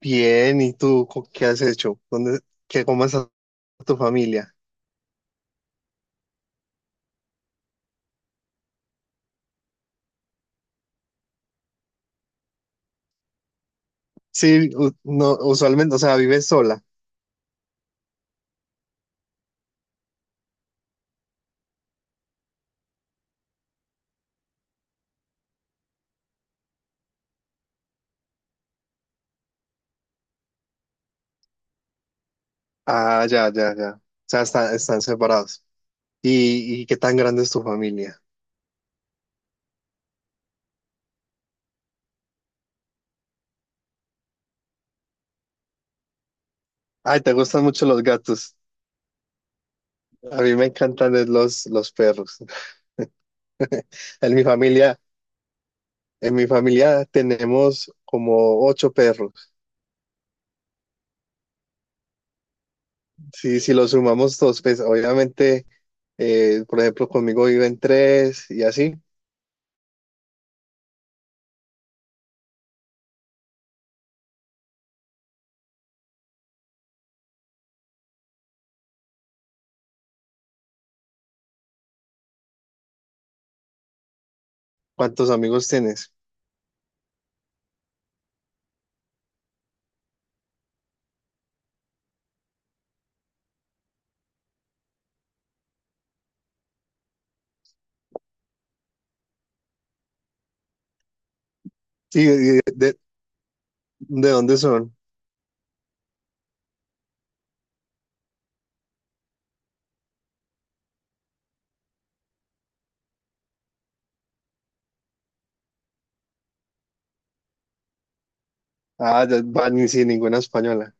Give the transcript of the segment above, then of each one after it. Bien, ¿y qué has hecho? ¿Dónde, qué, cómo está tu familia? Sí, no, usualmente, o sea, vives sola. Ah, ya, ya, ya. O sea, están separados. ¿Y qué tan grande es tu familia? Ay, te gustan mucho los gatos. A mí me encantan es los perros. En mi familia, en mi familia tenemos como ocho perros. Sí, si los sumamos todos, pues obviamente, por ejemplo, conmigo viven tres y así. ¿Cuántos amigos tienes? Sí, de, ¿de dónde son? Ah, ya, va, ni sin ninguna española.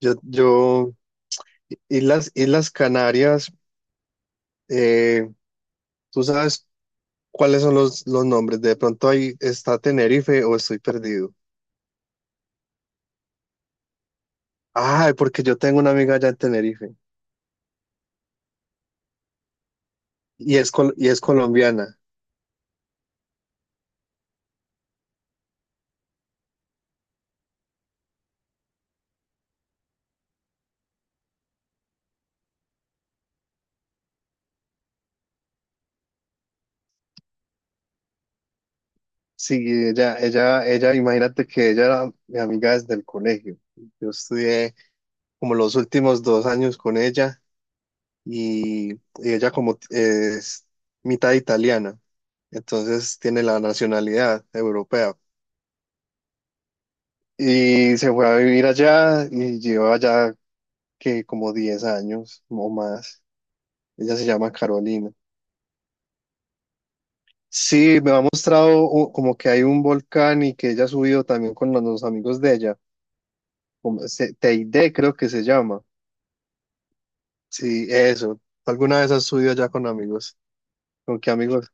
Yo, yo, Islas, Islas Canarias, eh, ¿tú sabes cuáles son los nombres? De pronto ahí está Tenerife o estoy perdido. Ah, porque yo tengo una amiga allá en Tenerife y y es colombiana. Sí, ella, imagínate que ella era mi amiga desde el colegio. Yo estudié como los últimos 2 años con ella y ella como es mitad italiana. Entonces tiene la nacionalidad europea. Y se fue a vivir allá y lleva allá que como 10 años o más. Ella se llama Carolina. Sí, me ha mostrado como que hay un volcán y que ella ha subido también con los amigos de ella. Teide creo que se llama. Sí, eso. ¿Alguna vez has subido allá con amigos? ¿Con qué amigos?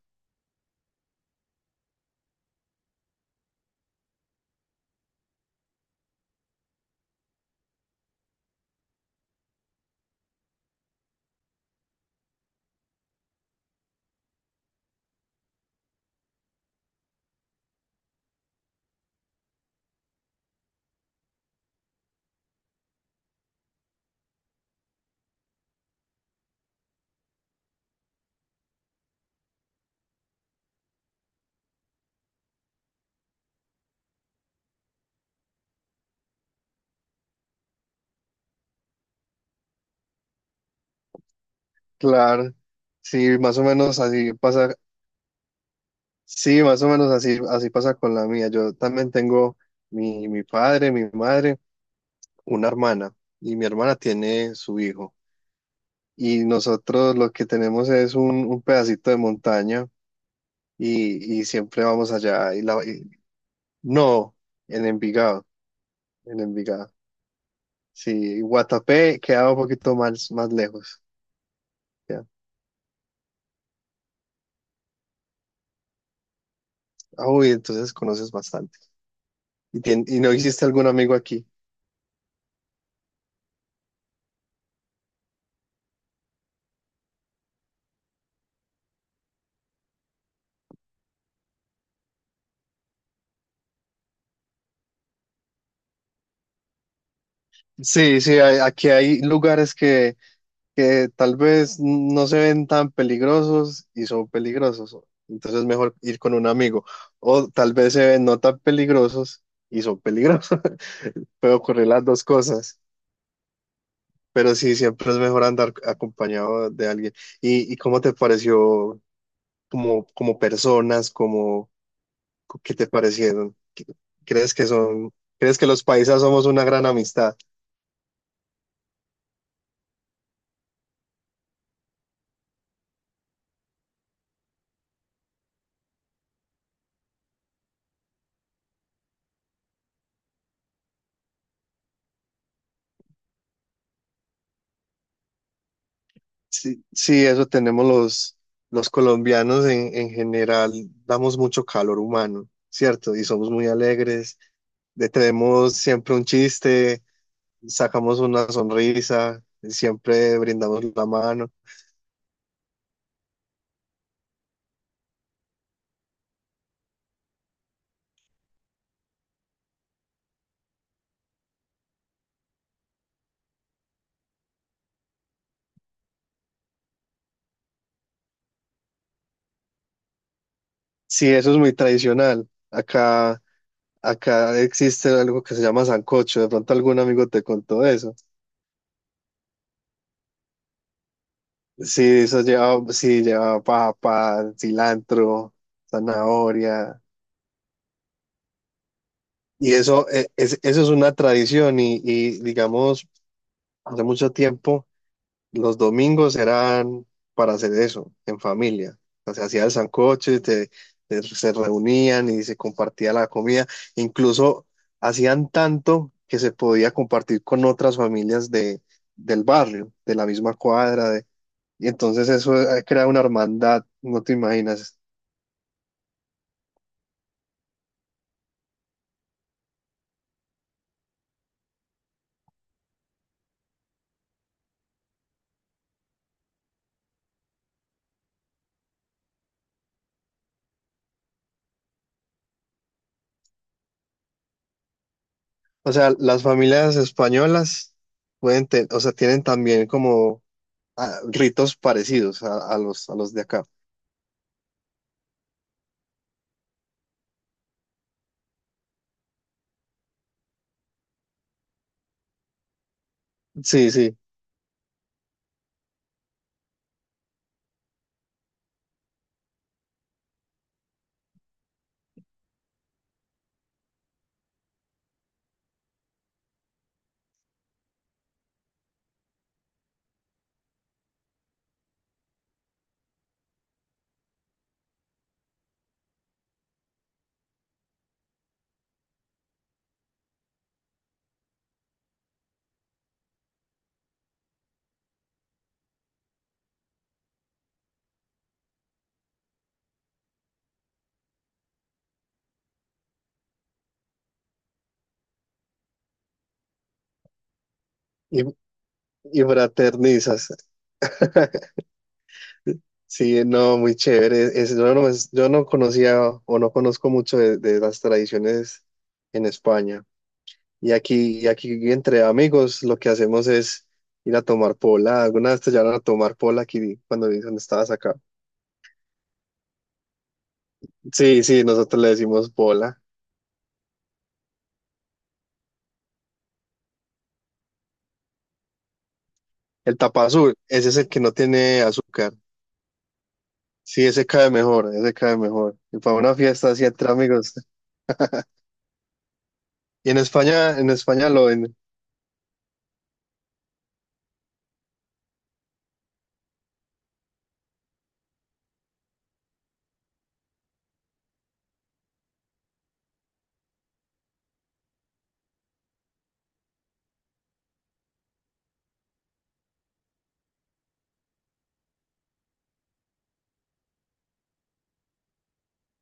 Claro. Sí, más o menos así pasa. Sí, más o menos así, así pasa con la mía. Yo también tengo mi padre, mi madre, una hermana y mi hermana tiene su hijo. Y nosotros lo que tenemos es un pedacito de montaña y siempre vamos allá. No, en Envigado, en Envigado. Sí, Guatapé queda un poquito más, más lejos. Ya. Ah, uy, entonces conoces bastante. ¿Y, y no hiciste algún amigo aquí? Sí, sí, aquí hay lugares que tal vez no se ven tan peligrosos y son peligrosos. Entonces es mejor ir con un amigo. O tal vez se ven no tan peligrosos y son peligrosos. Puede ocurrir las dos cosas. Pero sí, siempre es mejor andar acompañado de alguien. ¿Y cómo te pareció como, como personas, como qué te parecieron? ¿Crees que son, crees que los paisas somos una gran amistad? Sí, sí, eso tenemos los colombianos en general, damos mucho calor humano, ¿cierto? Y somos muy alegres, le tenemos siempre un chiste, sacamos una sonrisa, siempre brindamos la mano. Sí, eso es muy tradicional. Acá, acá existe algo que se llama sancocho, de pronto algún amigo te contó eso. Sí, eso lleva, sí, lleva papa, cilantro, zanahoria. Y eso eso es una tradición y, digamos, hace mucho tiempo los domingos eran para hacer eso, en familia. O sea, se hacía el sancocho y se reunían y se compartía la comida. Incluso hacían tanto que se podía compartir con otras familias de, del barrio, de la misma cuadra. Y entonces eso crea una hermandad, no te imaginas. O sea, las familias españolas pueden, o sea, tienen también como ritos parecidos a los de acá. Sí, sí, y, y fraternizas. Sí, no, muy chévere. Yo no conocía o no conozco mucho de las tradiciones en España. Y aquí entre amigos lo que hacemos es ir a tomar pola. Alguna vez te llevaron a tomar pola aquí cuando dicen estabas acá. Sí, sí, nosotros le decimos pola. El tapa azul, ese es el que no tiene azúcar. Sí, ese cae mejor, ese cae mejor. Y para una fiesta así entre amigos. Y en España lo ven.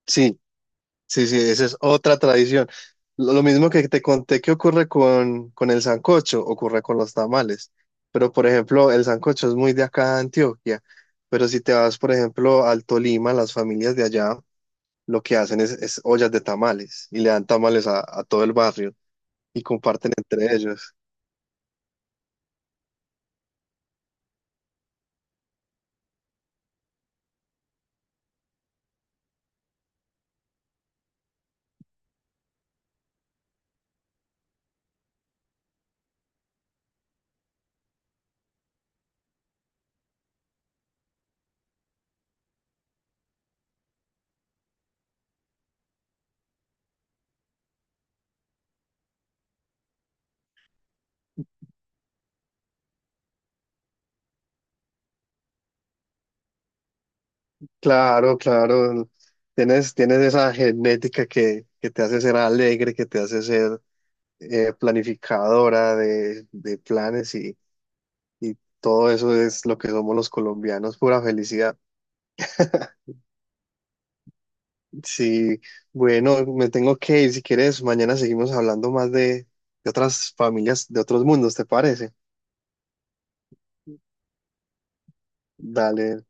Sí, sí, sí, esa es otra tradición. Lo mismo que te conté que ocurre con el sancocho, ocurre con los tamales. Pero, por ejemplo, el sancocho es muy de acá de Antioquia. Pero si te vas, por ejemplo, al Tolima, las familias de allá lo que hacen es ollas de tamales y le dan tamales a todo el barrio y comparten entre ellos. Claro, claro. Tienes, tienes esa genética que te hace ser alegre, que te hace ser planificadora de planes y todo eso es lo que somos los colombianos, pura felicidad. Sí, bueno, me tengo que ir. Si quieres, mañana seguimos hablando más de otras familias, de otros mundos, ¿te parece? Dale.